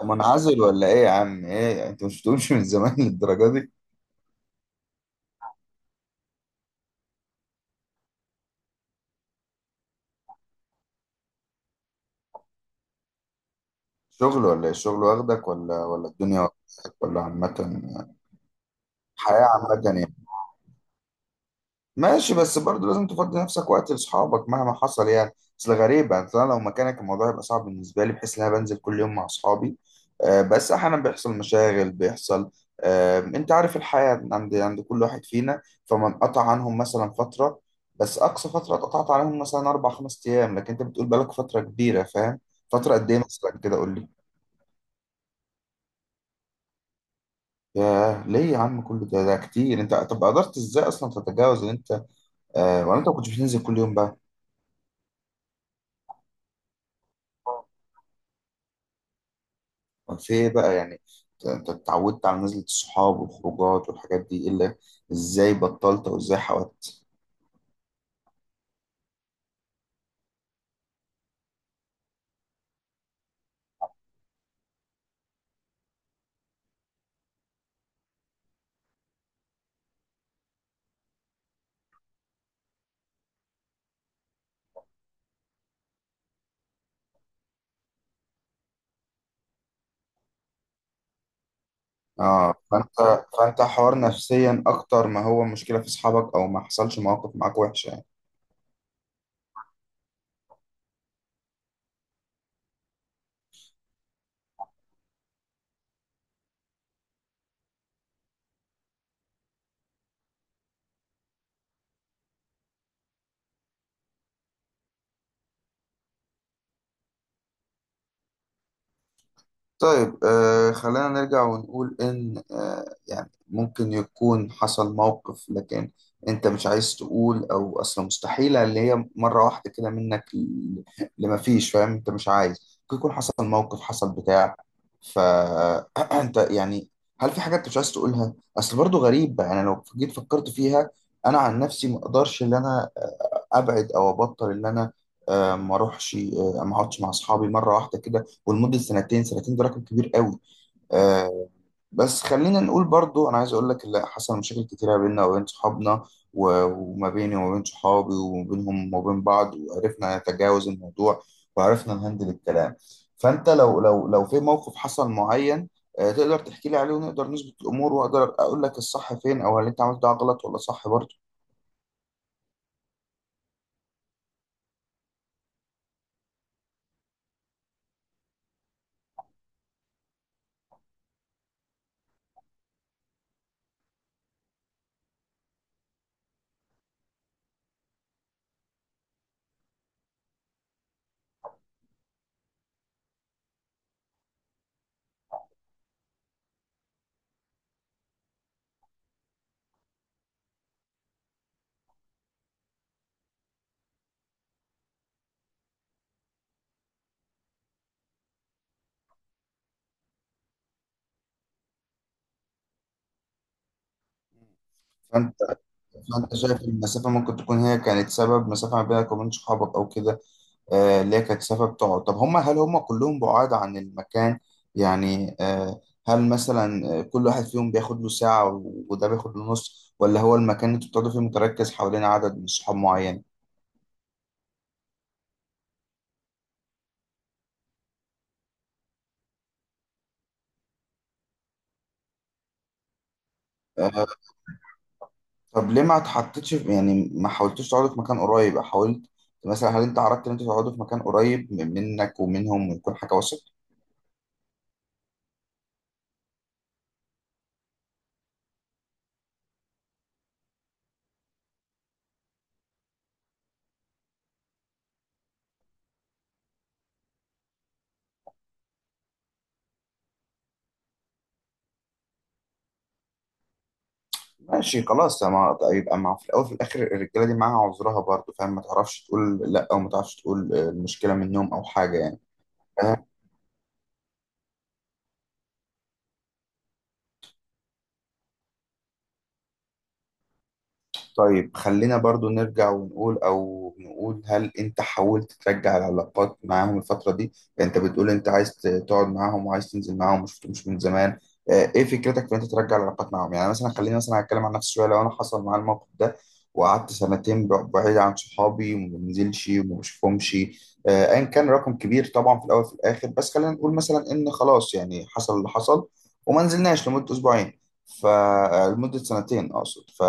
طب، منعزل ولا ايه يا عم؟ ايه، انت مش بتقولش من زمان للدرجه دي؟ شغل ولا ايه؟ الشغل واخدك ولا الدنيا واخدك، ولا عامه؟ الحياه عامه يعني؟ ماشي، بس برضه لازم تفضي نفسك وقت لاصحابك مهما حصل يعني. اصل غريبة، اصل انا لو مكانك الموضوع يبقى صعب بالنسبة لي، بحيث ان انا بنزل كل يوم مع اصحابي. بس احيانا بيحصل مشاغل، بيحصل. انت عارف الحياة عند كل واحد فينا، فما انقطع عنهم مثلا فترة. بس اقصى فترة اتقطعت عليهم مثلا 4-5 ايام، لكن انت بتقول بقالك فترة كبيرة فاهم. فترة قد ايه مثلا كده؟ قول لي. ياه، ليه يا عم كل ده؟ كتير. انت طب قدرت ازاي اصلا تتجاوز ان انت، ولا انت ما كنتش بتنزل كل يوم بقى؟ طب في ايه بقى يعني؟ أنت اتعودت على نزلة الصحاب والخروجات والحاجات دي، إيه اللي، ازاي بطلت او ازاي حاولت؟ فانت حوار نفسيا اكتر، ما هو مشكلة في اصحابك او ما حصلش مواقف معاك وحشة؟ طيب، خلينا نرجع ونقول إن يعني ممكن يكون حصل موقف، لكن أنت مش عايز تقول، أو أصلا مستحيلة اللي هي مرة واحدة كده لما فيش فاهم. أنت مش عايز، ممكن يكون حصل موقف، حصل بتاع. فأنت يعني، هل في حاجات أنت مش عايز تقولها؟ أصل برضو غريب يعني. أنا لو جيت فكرت فيها، أنا عن نفسي ما أقدرش إن أنا أبعد أو أبطل إن أنا، ما أروحش، ما أقعدش مع أصحابي مرة واحدة كده ولمده سنتين. سنتين ده رقم كبير قوي. آه. بس خلينا نقول برضو، انا عايز اقول لك لا، حصل مشاكل كتيره بيننا وبين صحابنا، وما بيني وما بين صحابي، وما بينهم وما بين بعض، وعرفنا نتجاوز الموضوع وعرفنا نهندل الكلام. فانت لو في موقف حصل معين، تقدر تحكي لي عليه، ونقدر نظبط الامور، واقدر اقول لك الصح فين، او هل انت عملت ده غلط ولا صح برضو. فانت فانت شايف إن المسافه ممكن تكون هي كانت سبب، مسافه ما بينك وبين صحابك او كده؟ اللي هي كانت سبب تقعد. طب هم، هل هم كلهم بعاد عن المكان يعني؟ هل مثلا كل واحد فيهم بياخد له ساعة، وده بياخد له نص، ولا هو المكان اللي انتوا بتقعدوا فيه متركز حوالين عدد من صحاب معين؟ آه، طب ليه ما اتحطيتش يعني ما حاولتوش تقعدوا في مكان قريب؟ حاولت مثلا، هل انت عرضت ان انتوا تقعدوا في مكان قريب منك ومنهم، ويكون حاجة وسط؟ ماشي خلاص، ما يبقى مع، في الاول وفي الاخر الرجاله دي معاها عذرها برضه فاهم، ما تعرفش تقول لا، او ما تعرفش تقول المشكله منهم او حاجه يعني. طيب، خلينا برضو نرجع ونقول، او نقول، هل انت حاولت ترجع العلاقات معاهم الفترة دي؟ يعني انت بتقول انت عايز تقعد معاهم وعايز تنزل معاهم، مش من زمان. ايه فكرتك في ان انت ترجع العلاقات معاهم؟ يعني مثلا خليني مثلا اتكلم عن نفسي شوية. لو انا حصل معايا الموقف ده وقعدت سنتين بعيد عن صحابي، وما بنزلش وما بشوفهمش، ايا كان رقم كبير طبعا في الاول وفي الاخر. بس خلينا نقول مثلا ان خلاص، يعني حصل اللي حصل وما نزلناش لمدة اسبوعين، فلمدة سنتين اقصد. ف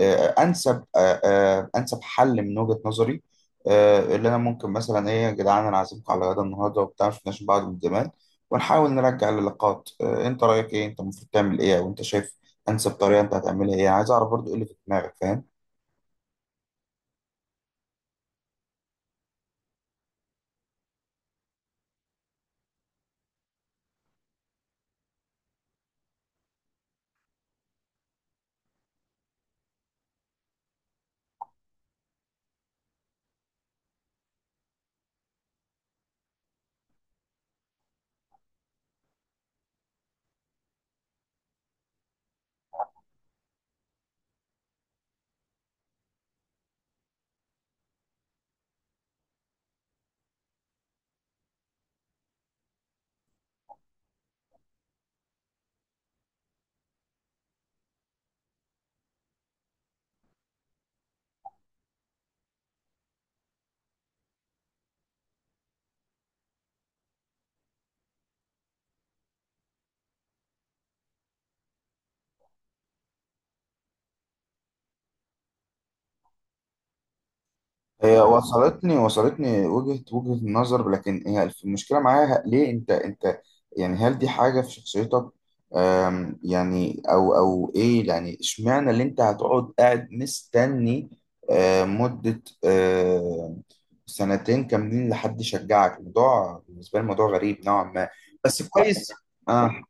آه، انسب آه، آه، انسب حل من وجهة نظري، اللي انا ممكن مثلا: ايه يا جدعان، انا عازمكم على غدا النهارده وبتاع، ما شفناش بعض من زمان، ونحاول نرجع اللقاءات. انت رايك ايه؟ انت المفروض تعمل ايه وانت شايف انسب طريقه؟ انت هتعملها ايه؟ عايز اعرف برضو ايه اللي في دماغك فاهم. هي وصلتني وجهة النظر، لكن هي المشكلة معاها ليه انت؟ يعني هل دي حاجة في شخصيتك، يعني، او او ايه يعني؟ اشمعنى اللي انت هتقعد قاعد مستني مدة سنتين كاملين لحد يشجعك؟ الموضوع بالنسبة لي موضوع غريب نوعا ما، بس كويس. آه.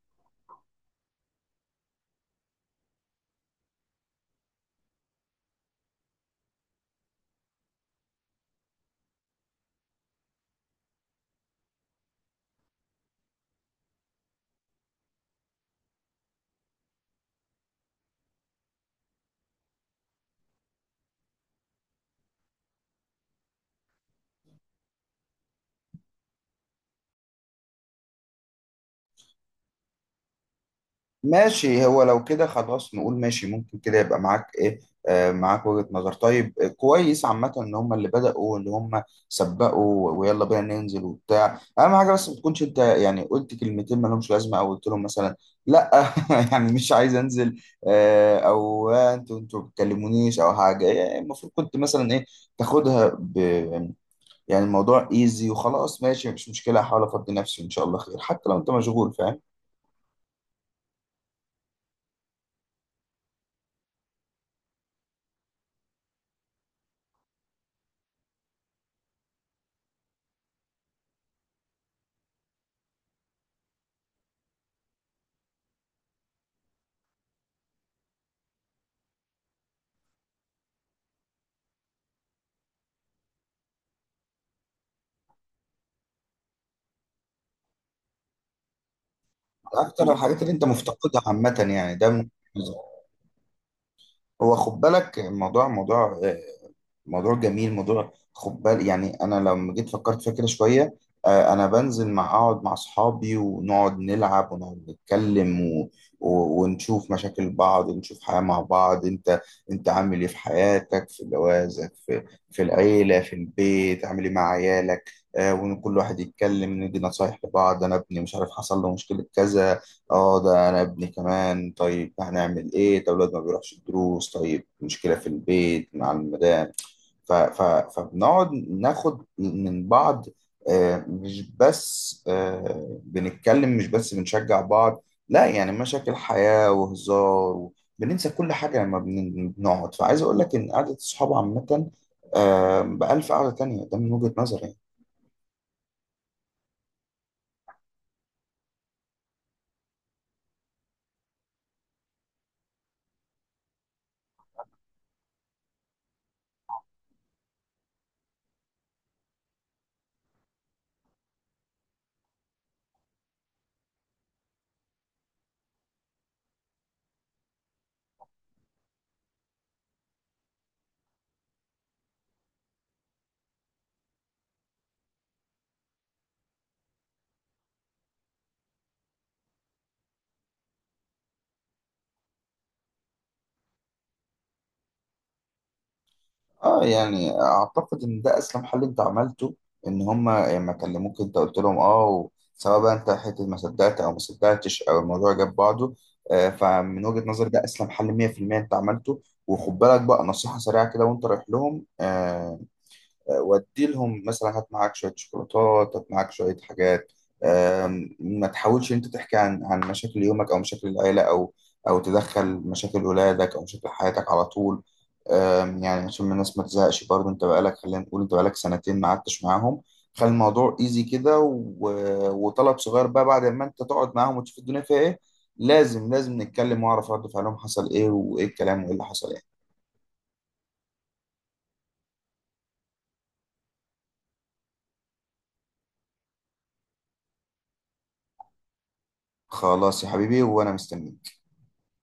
ماشي، هو لو كده خلاص نقول ماشي، ممكن كده يبقى معاك ايه، معاك وجهة نظر. طيب، كويس عامة ان هم اللي بدأوا واللي هم سبقوا، ويلا بينا ننزل وبتاع. اهم حاجة بس ما تكونش انت يعني قلت كلمتين ما لهمش لازمة، او قلت لهم مثلا: لا، يعني مش عايز انزل، او انتوا ما بتكلمونيش او حاجة يعني. المفروض كنت مثلا ايه؟ تاخدها يعني، الموضوع ايزي وخلاص، ماشي، مفيش مشكلة، هحاول افضي نفسي، ان شاء الله خير، حتى لو انت مشغول فاهم. اكتر الحاجات اللي انت مفتقدها عامه، يعني ده من، وخد بالك، الموضوع موضوع جميل، موضوع، خد بالك يعني. انا لما جيت فكرت فيها كده شويه، انا بنزل اقعد مع اصحابي، ونقعد نلعب ونقعد نتكلم، ونشوف مشاكل بعض، ونشوف حياه مع بعض. انت عامل ايه في حياتك، في جوازك، في في العيله، في البيت؟ عامل ايه مع عيالك؟ وان كل واحد يتكلم ندي نصايح لبعض. انا ابني مش عارف حصل له مشكله كذا، اه ده انا ابني كمان، طيب هنعمل ايه؟ طب الواد ما بيروحش الدروس، طيب مشكله في البيت مع المدام. ف ف فبنقعد ناخد من بعض، مش بس بنتكلم، مش بس بنشجع بعض، لا يعني مشاكل حياة وهزار، بننسى كل حاجة لما بنقعد. فعايز أقول لك إن قعدة الصحاب عامة، بألف قعدة تانية، ده من وجهة نظري. اه يعني اعتقد ان ده اسلم حل انت عملته، ان هما لما كلموك انت قلت لهم اه، سواء بقى انت حته ما صدقت او ما صدقتش، او الموضوع جاب بعضه. فمن وجهة نظري ده اسلم حل 100% انت عملته. وخد بالك بقى نصيحة سريعة كده وانت رايح لهم: ودي لهم مثلا، هات معاك شويه شوكولاتات، هات معاك شويه حاجات. ما تحاولش انت تحكي عن مشاكل يومك او مشاكل العيله، او او تدخل مشاكل اولادك او مشاكل حياتك على طول. يعني عشان الناس ما تزهقش برضه، انت بقالك خلينا نقول انت بقالك سنتين ما قعدتش معاهم. خلي الموضوع ايزي كده، وطلب صغير بقى بعد ما انت تقعد معاهم وتشوف الدنيا فيها ايه: لازم نتكلم واعرف رد فعلهم، حصل ايه، وايه الكلام، وايه اللي حصل ايه. خلاص يا حبيبي، وانا مستني.